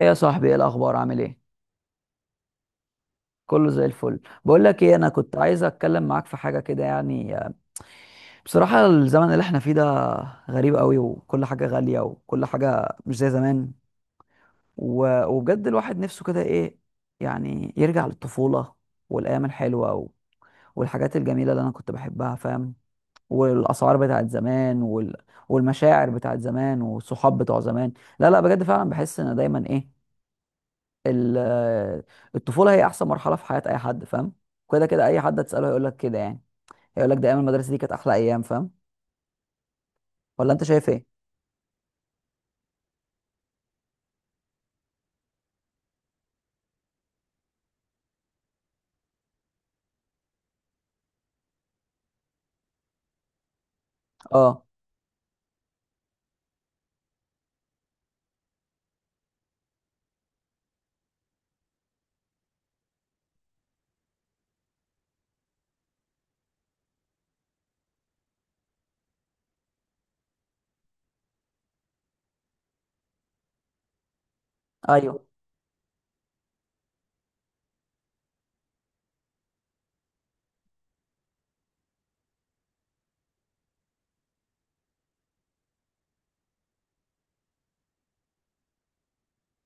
ايه يا صاحبي، ايه الاخبار؟ عامل ايه؟ كله زي الفل. بقول لك ايه، انا كنت عايز اتكلم معاك في حاجه كده يعني. بصراحه الزمن اللي احنا فيه ده غريب قوي، وكل حاجه غاليه، وكل حاجه مش زي زمان. و- وبجد الواحد نفسه كده ايه يعني، يرجع للطفوله والايام الحلوه والحاجات الجميله اللي انا كنت بحبها، فاهم؟ والاسعار بتاعت زمان والمشاعر بتاعت زمان، والصحاب بتوع زمان. لا لا، بجد فعلا بحس ان دايما ايه، ال- الطفوله هي احسن مرحله في حياه اي حد، فاهم؟ كده كده اي حد هتساله هيقول لك كده يعني. هيقول لك ده ايام المدرسه دي كانت احلى ايام، فاهم؟ ولا انت شايف ايه؟ اه، ايوه.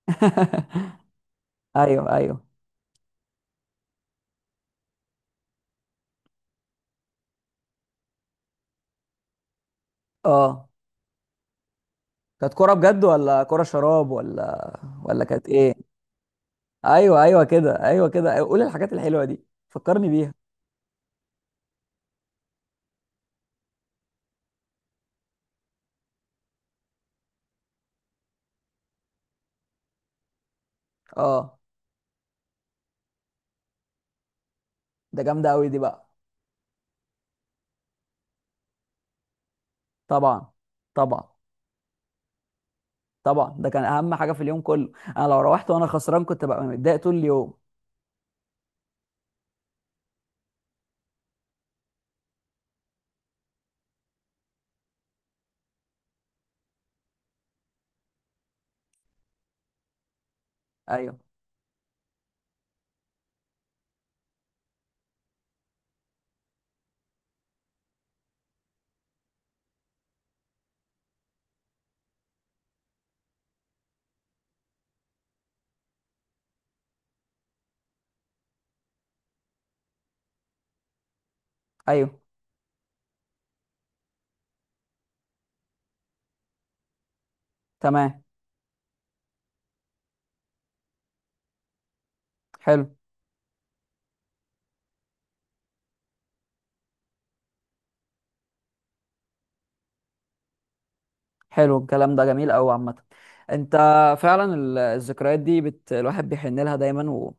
ايوه ايوه. اه، كانت كوره بجد ولا كوره شراب، ولا كانت ايه؟ ايوه ايوه كده، ايوه كده، أيوة. قول الحاجات الحلوه دي، فكرني بيها. اه، ده جامده قوي دي بقى. طبعا طبعا طبعا، ده كان اهم حاجه في اليوم كله. انا لو روحت وانا خسران كنت بقى متضايق طول اليوم. ايوه ايوه، تمام. حلو. حلو، الكلام ده جميل قوي عامة. انت فعلا الذكريات دي الواحد بيحن لها دايما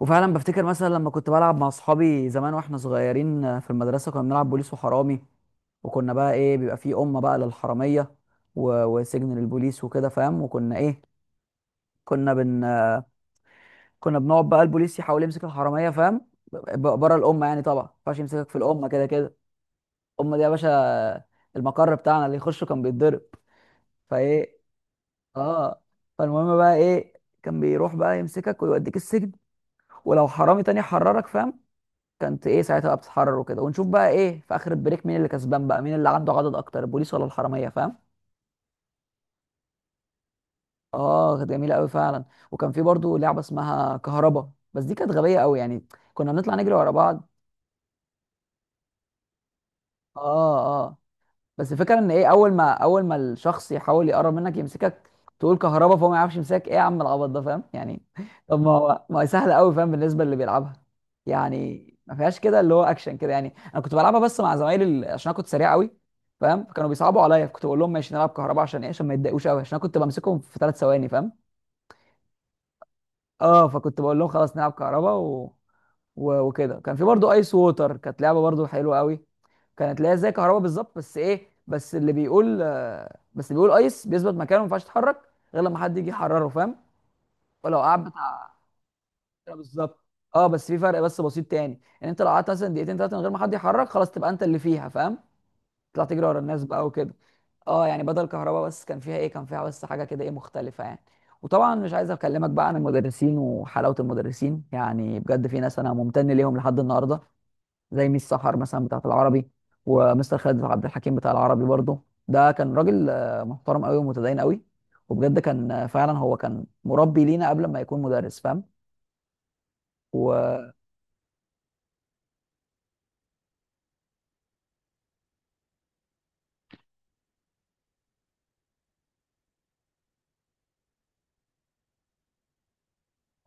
وفعلا بفتكر مثلا لما كنت بلعب مع اصحابي زمان واحنا صغيرين في المدرسة، كنا بنلعب بوليس وحرامي. وكنا بقى ايه، بيبقى فيه أمة بقى للحرامية وسجن للبوليس وكده، فاهم؟ وكنا ايه، كنا بن كنا بنقعد بقى البوليس يحاول يمسك الحرامية، فاهم؟ بره الأمة يعني، طبعا ما ينفعش يمسكك في الأمة، كده كده الأمة دي يا باشا المقر بتاعنا اللي يخشه كان بيتضرب. فايه، اه، فالمهم بقى ايه، كان بيروح بقى يمسكك ويوديك السجن، ولو حرامي تاني حررك، فاهم؟ كانت ايه ساعتها بقى بتتحرر وكده، ونشوف بقى ايه في اخر البريك مين اللي كسبان بقى، مين اللي عنده عدد اكتر، البوليس ولا الحراميه، فاهم؟ اه كانت جميله قوي فعلا. وكان في برضو لعبه اسمها كهربا، بس دي كانت غبيه قوي يعني. كنا بنطلع نجري ورا بعض. اه اه. بس الفكره ان ايه، اول ما الشخص يحاول يقرب منك يمسكك، تقول كهربا، فهو ما يعرفش يمسكك. ايه يا عم العبط ده، فاهم يعني؟ طب، ما هي سهله قوي، فاهم، بالنسبه اللي بيلعبها. يعني ما فيهاش كده اللي هو اكشن كده، يعني انا كنت بلعبها بس مع زمايلي عشان انا كنت سريع قوي، فاهم؟ فكانوا بيصعبوا عليا، فكنت بقول لهم ماشي نلعب كهربا عشان ايه، عشان ما يتضايقوش قوي، عشان انا كنت بمسكهم في 3 ثواني، فاهم؟ اه. فكنت بقول لهم خلاص نلعب كهربا وكده. كان في برضو ايس ووتر، كانت لعبه برضو حلوه قوي. كانت اللي هي زي كهرباء بالظبط، بس ايه، بس اللي بيقول، بس اللي بيقول ايس بيثبت مكانه، ما ينفعش يتحرك غير لما حد يجي يحرره، فاهم؟ ولو قعد بتاع، بالظبط. اه، بس في فرق بسيط تاني، ان انت لو قعدت مثلا دقيقتين ثلاثه من غير ما حد يحرك، خلاص تبقى انت اللي فيها، فاهم؟ تطلع تجري ورا الناس بقى وكده. اه، يعني بدل كهرباء بس كان فيها ايه، كان فيها بس حاجه كده ايه مختلفه يعني. وطبعا مش عايز اكلمك بقى عن المدرسين وحلاوه المدرسين، يعني بجد في ناس انا ممتن ليهم لحد النهارده، زي ميس سحر مثلا بتاعت العربي، ومستر خالد عبد الحكيم بتاع العربي برضه. ده كان راجل محترم قوي ومتدين قوي، وبجد كان فعلا هو كان مربي لينا قبل ما يكون مدرس، فاهم؟ وايوه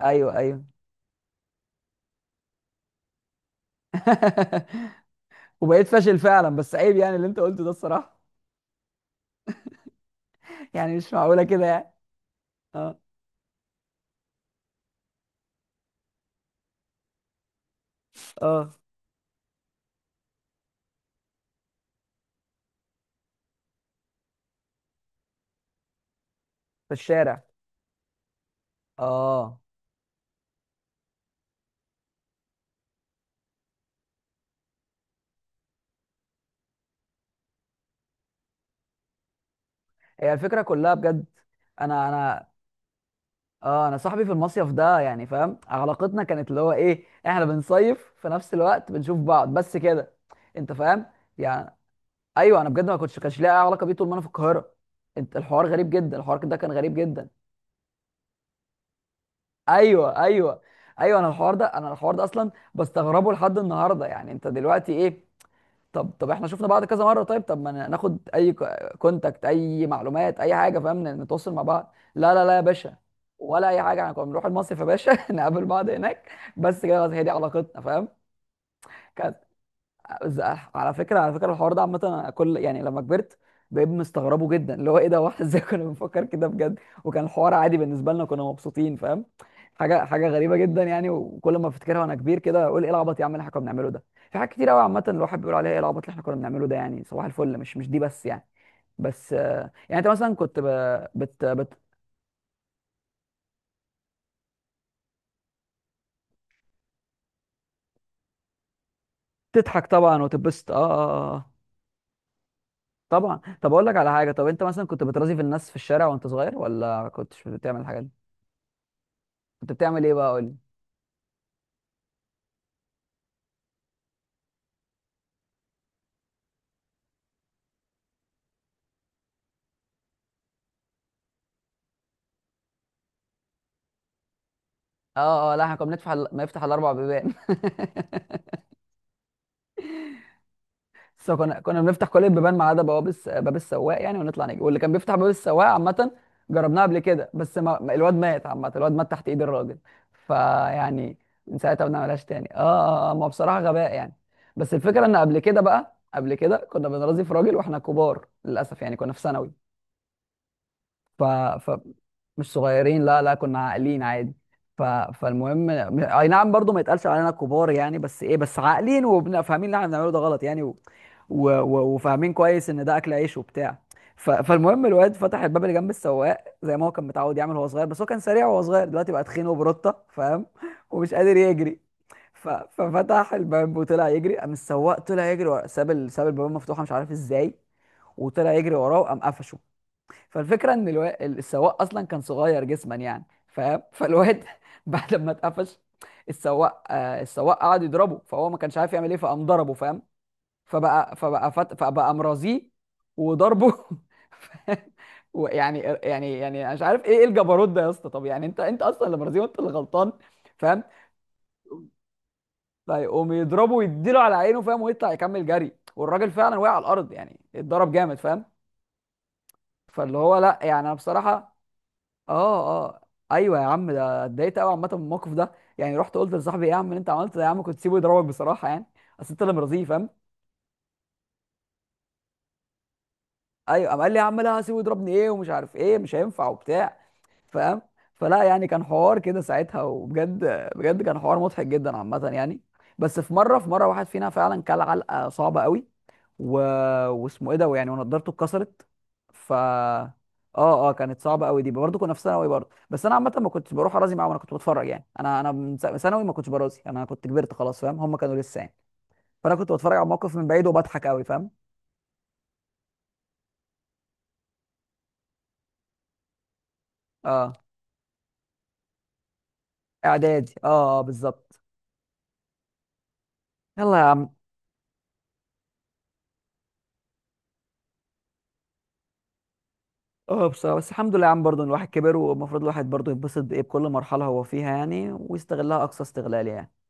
ايوه ايوه. وبقيت فاشل فعلا، بس عيب يعني اللي انت قلته ده، الصراحه. يعني مش معقوله كده يعني. اه اه، في الشارع. اه، هي الفكره كلها بجد. انا انا اه انا صاحبي في المصيف ده، يعني فاهم، علاقتنا كانت اللي هو ايه، احنا بنصيف في نفس الوقت، بنشوف بعض بس كده. انت فاهم يعني؟ ايوه انا بجد ما كنتش كانش ليا اي علاقه بيه طول ما انا في القاهره. انت الحوار غريب جدا، الحوار ده كان غريب جدا. ايوه ايوه. ايوه انا الحوار ده اصلا بستغربه لحد النهارده، يعني انت دلوقتي ايه؟ طب احنا شفنا بعض كذا مره، طيب، طب ما ناخد اي كونتاكت، اي معلومات، اي حاجه، فاهم، نتواصل مع بعض. لا لا لا يا باشا، ولا اي حاجه. احنا كنا بنروح المصيف يا باشا نقابل بعض هناك، بس كده خلاص، هي دي علاقتنا، فاهم؟ كانت ز- على فكره، على فكره الحوار ده عامه، أنا كل يعني لما كبرت بقيت مستغربه جدا، اللي هو ايه ده واحد ازاي كنا بنفكر كده بجد، وكان الحوار عادي بالنسبه لنا، كنا مبسوطين، فاهم؟ حاجه، غريبه جدا يعني، وكل ما افتكرها وانا كبير كده اقول ايه العبط يا عم اللي احنا كنا بنعمله ده. في حاجات كتير قوي عامه الواحد بيقول عليها ايه العبط اللي احنا كنا بنعمله ده، يعني صباح الفل، مش دي بس يعني. بس، يعني انت مثلا كنت بت... بت... تضحك طبعا وتتبسط. اه اه، آه. طبعا. طب اقول لك على حاجه، طب انت مثلا كنت بترازي في الناس في الشارع وانت صغير، ولا كنتش بتعمل الحاجات دي؟ كنت بتعمل ايه بقى، قول لي. اه اه، لا، احنا كنا بنفتح ما يفتح ال 4 بيبان. بس كنا بنفتح كل البيبان ما عدا باب السواق يعني، ونطلع نجري، واللي كان بيفتح باب السواق عامه، جربناها قبل كده، بس ما... ما- الواد مات عامه، الواد مات تحت ايد الراجل، فيعني من ساعتها ما بنعملهاش تاني. اه اه، ما هو بصراحه غباء يعني. بس الفكره ان قبل كده كنا بنرازي في راجل واحنا كبار، للاسف يعني كنا في ثانوي. ف... ف مش صغيرين، لا لا، كنا عاقلين عادي. ف... فالمهم اي نعم، برضو ما يتقالش علينا كبار يعني، بس ايه، بس عاقلين وفاهمين اللي احنا بنعمله ده غلط يعني، وفاهمين كويس ان ده اكل عيش وبتاع. فالمهم الواد فتح الباب اللي جنب السواق زي ما هو كان متعود يعمل وهو صغير، بس هو كان سريع وهو صغير، دلوقتي بقى تخين وبروتة، فاهم، ومش قادر يجري. ففتح الباب وطلع يجري، قام السواق طلع يجري ساب ساب الباب مفتوحة مش عارف ازاي، وطلع يجري وراه، وقام قفشه. فالفكره ان السواق اصلا كان صغير جسما يعني، فاهم، فالواد بعد ما اتقفش السواق، السواق قعد يضربه، فهو ما كانش عارف يعمل ايه، فقام ضربه، فاهم؟ فبقى مرازيه وضربه. فاهم؟ ويعني يعني يعني أنا مش عارف إيه الجبروت ده يا اسطى، طب يعني انت اصلا اللي مرازيه وانت اللي غلطان، فاهم؟ فيقوم يضربه ويديله على عينه، فاهم، ويطلع يكمل جري، والراجل فعلا وقع على الارض، يعني اتضرب جامد، فاهم؟ فاللي هو لا يعني انا بصراحه، اه اه، ايوه يا عم ده اتضايقت قوي عامه من الموقف ده، يعني رحت قلت لصاحبي ايه يا عم اللي انت عملته ده يا عم، كنت سيبه يضربك بصراحه يعني، اصل انت اللي مرضيه، فاهم؟ ايوه قام قال لي يا عم لا، سيبه يضربني، ايه ومش عارف ايه، مش هينفع وبتاع، فاهم؟ فلا يعني كان حوار كده ساعتها، وبجد بجد كان حوار مضحك جدا عامه يعني. بس في مره واحد فينا فعلا كل علقه صعبه قوي، و... واسمه ايه ده، ويعني ونضارته اتكسرت. اه، اه كانت صعبه قوي دي برضه، كنا في ثانوي برضه، بس انا عامه ما كنتش بروح ارازي معاهم، انا كنت بتفرج يعني، انا من ثانوي ما كنتش برازي، انا كنت كبرت خلاص، فاهم، هم كانوا لسه يعني. فانا كنت بتفرج على الموقف من بعيد وبضحك قوي، فاهم؟ اه، اعدادي، اه اه بالظبط. يلا يا عم. اه بصراحه، بس الحمد لله يا عم برضه إن الواحد كبر، والمفروض الواحد برضه يتبسط بايه، بكل مرحله هو فيها يعني، ويستغلها اقصى استغلال يعني.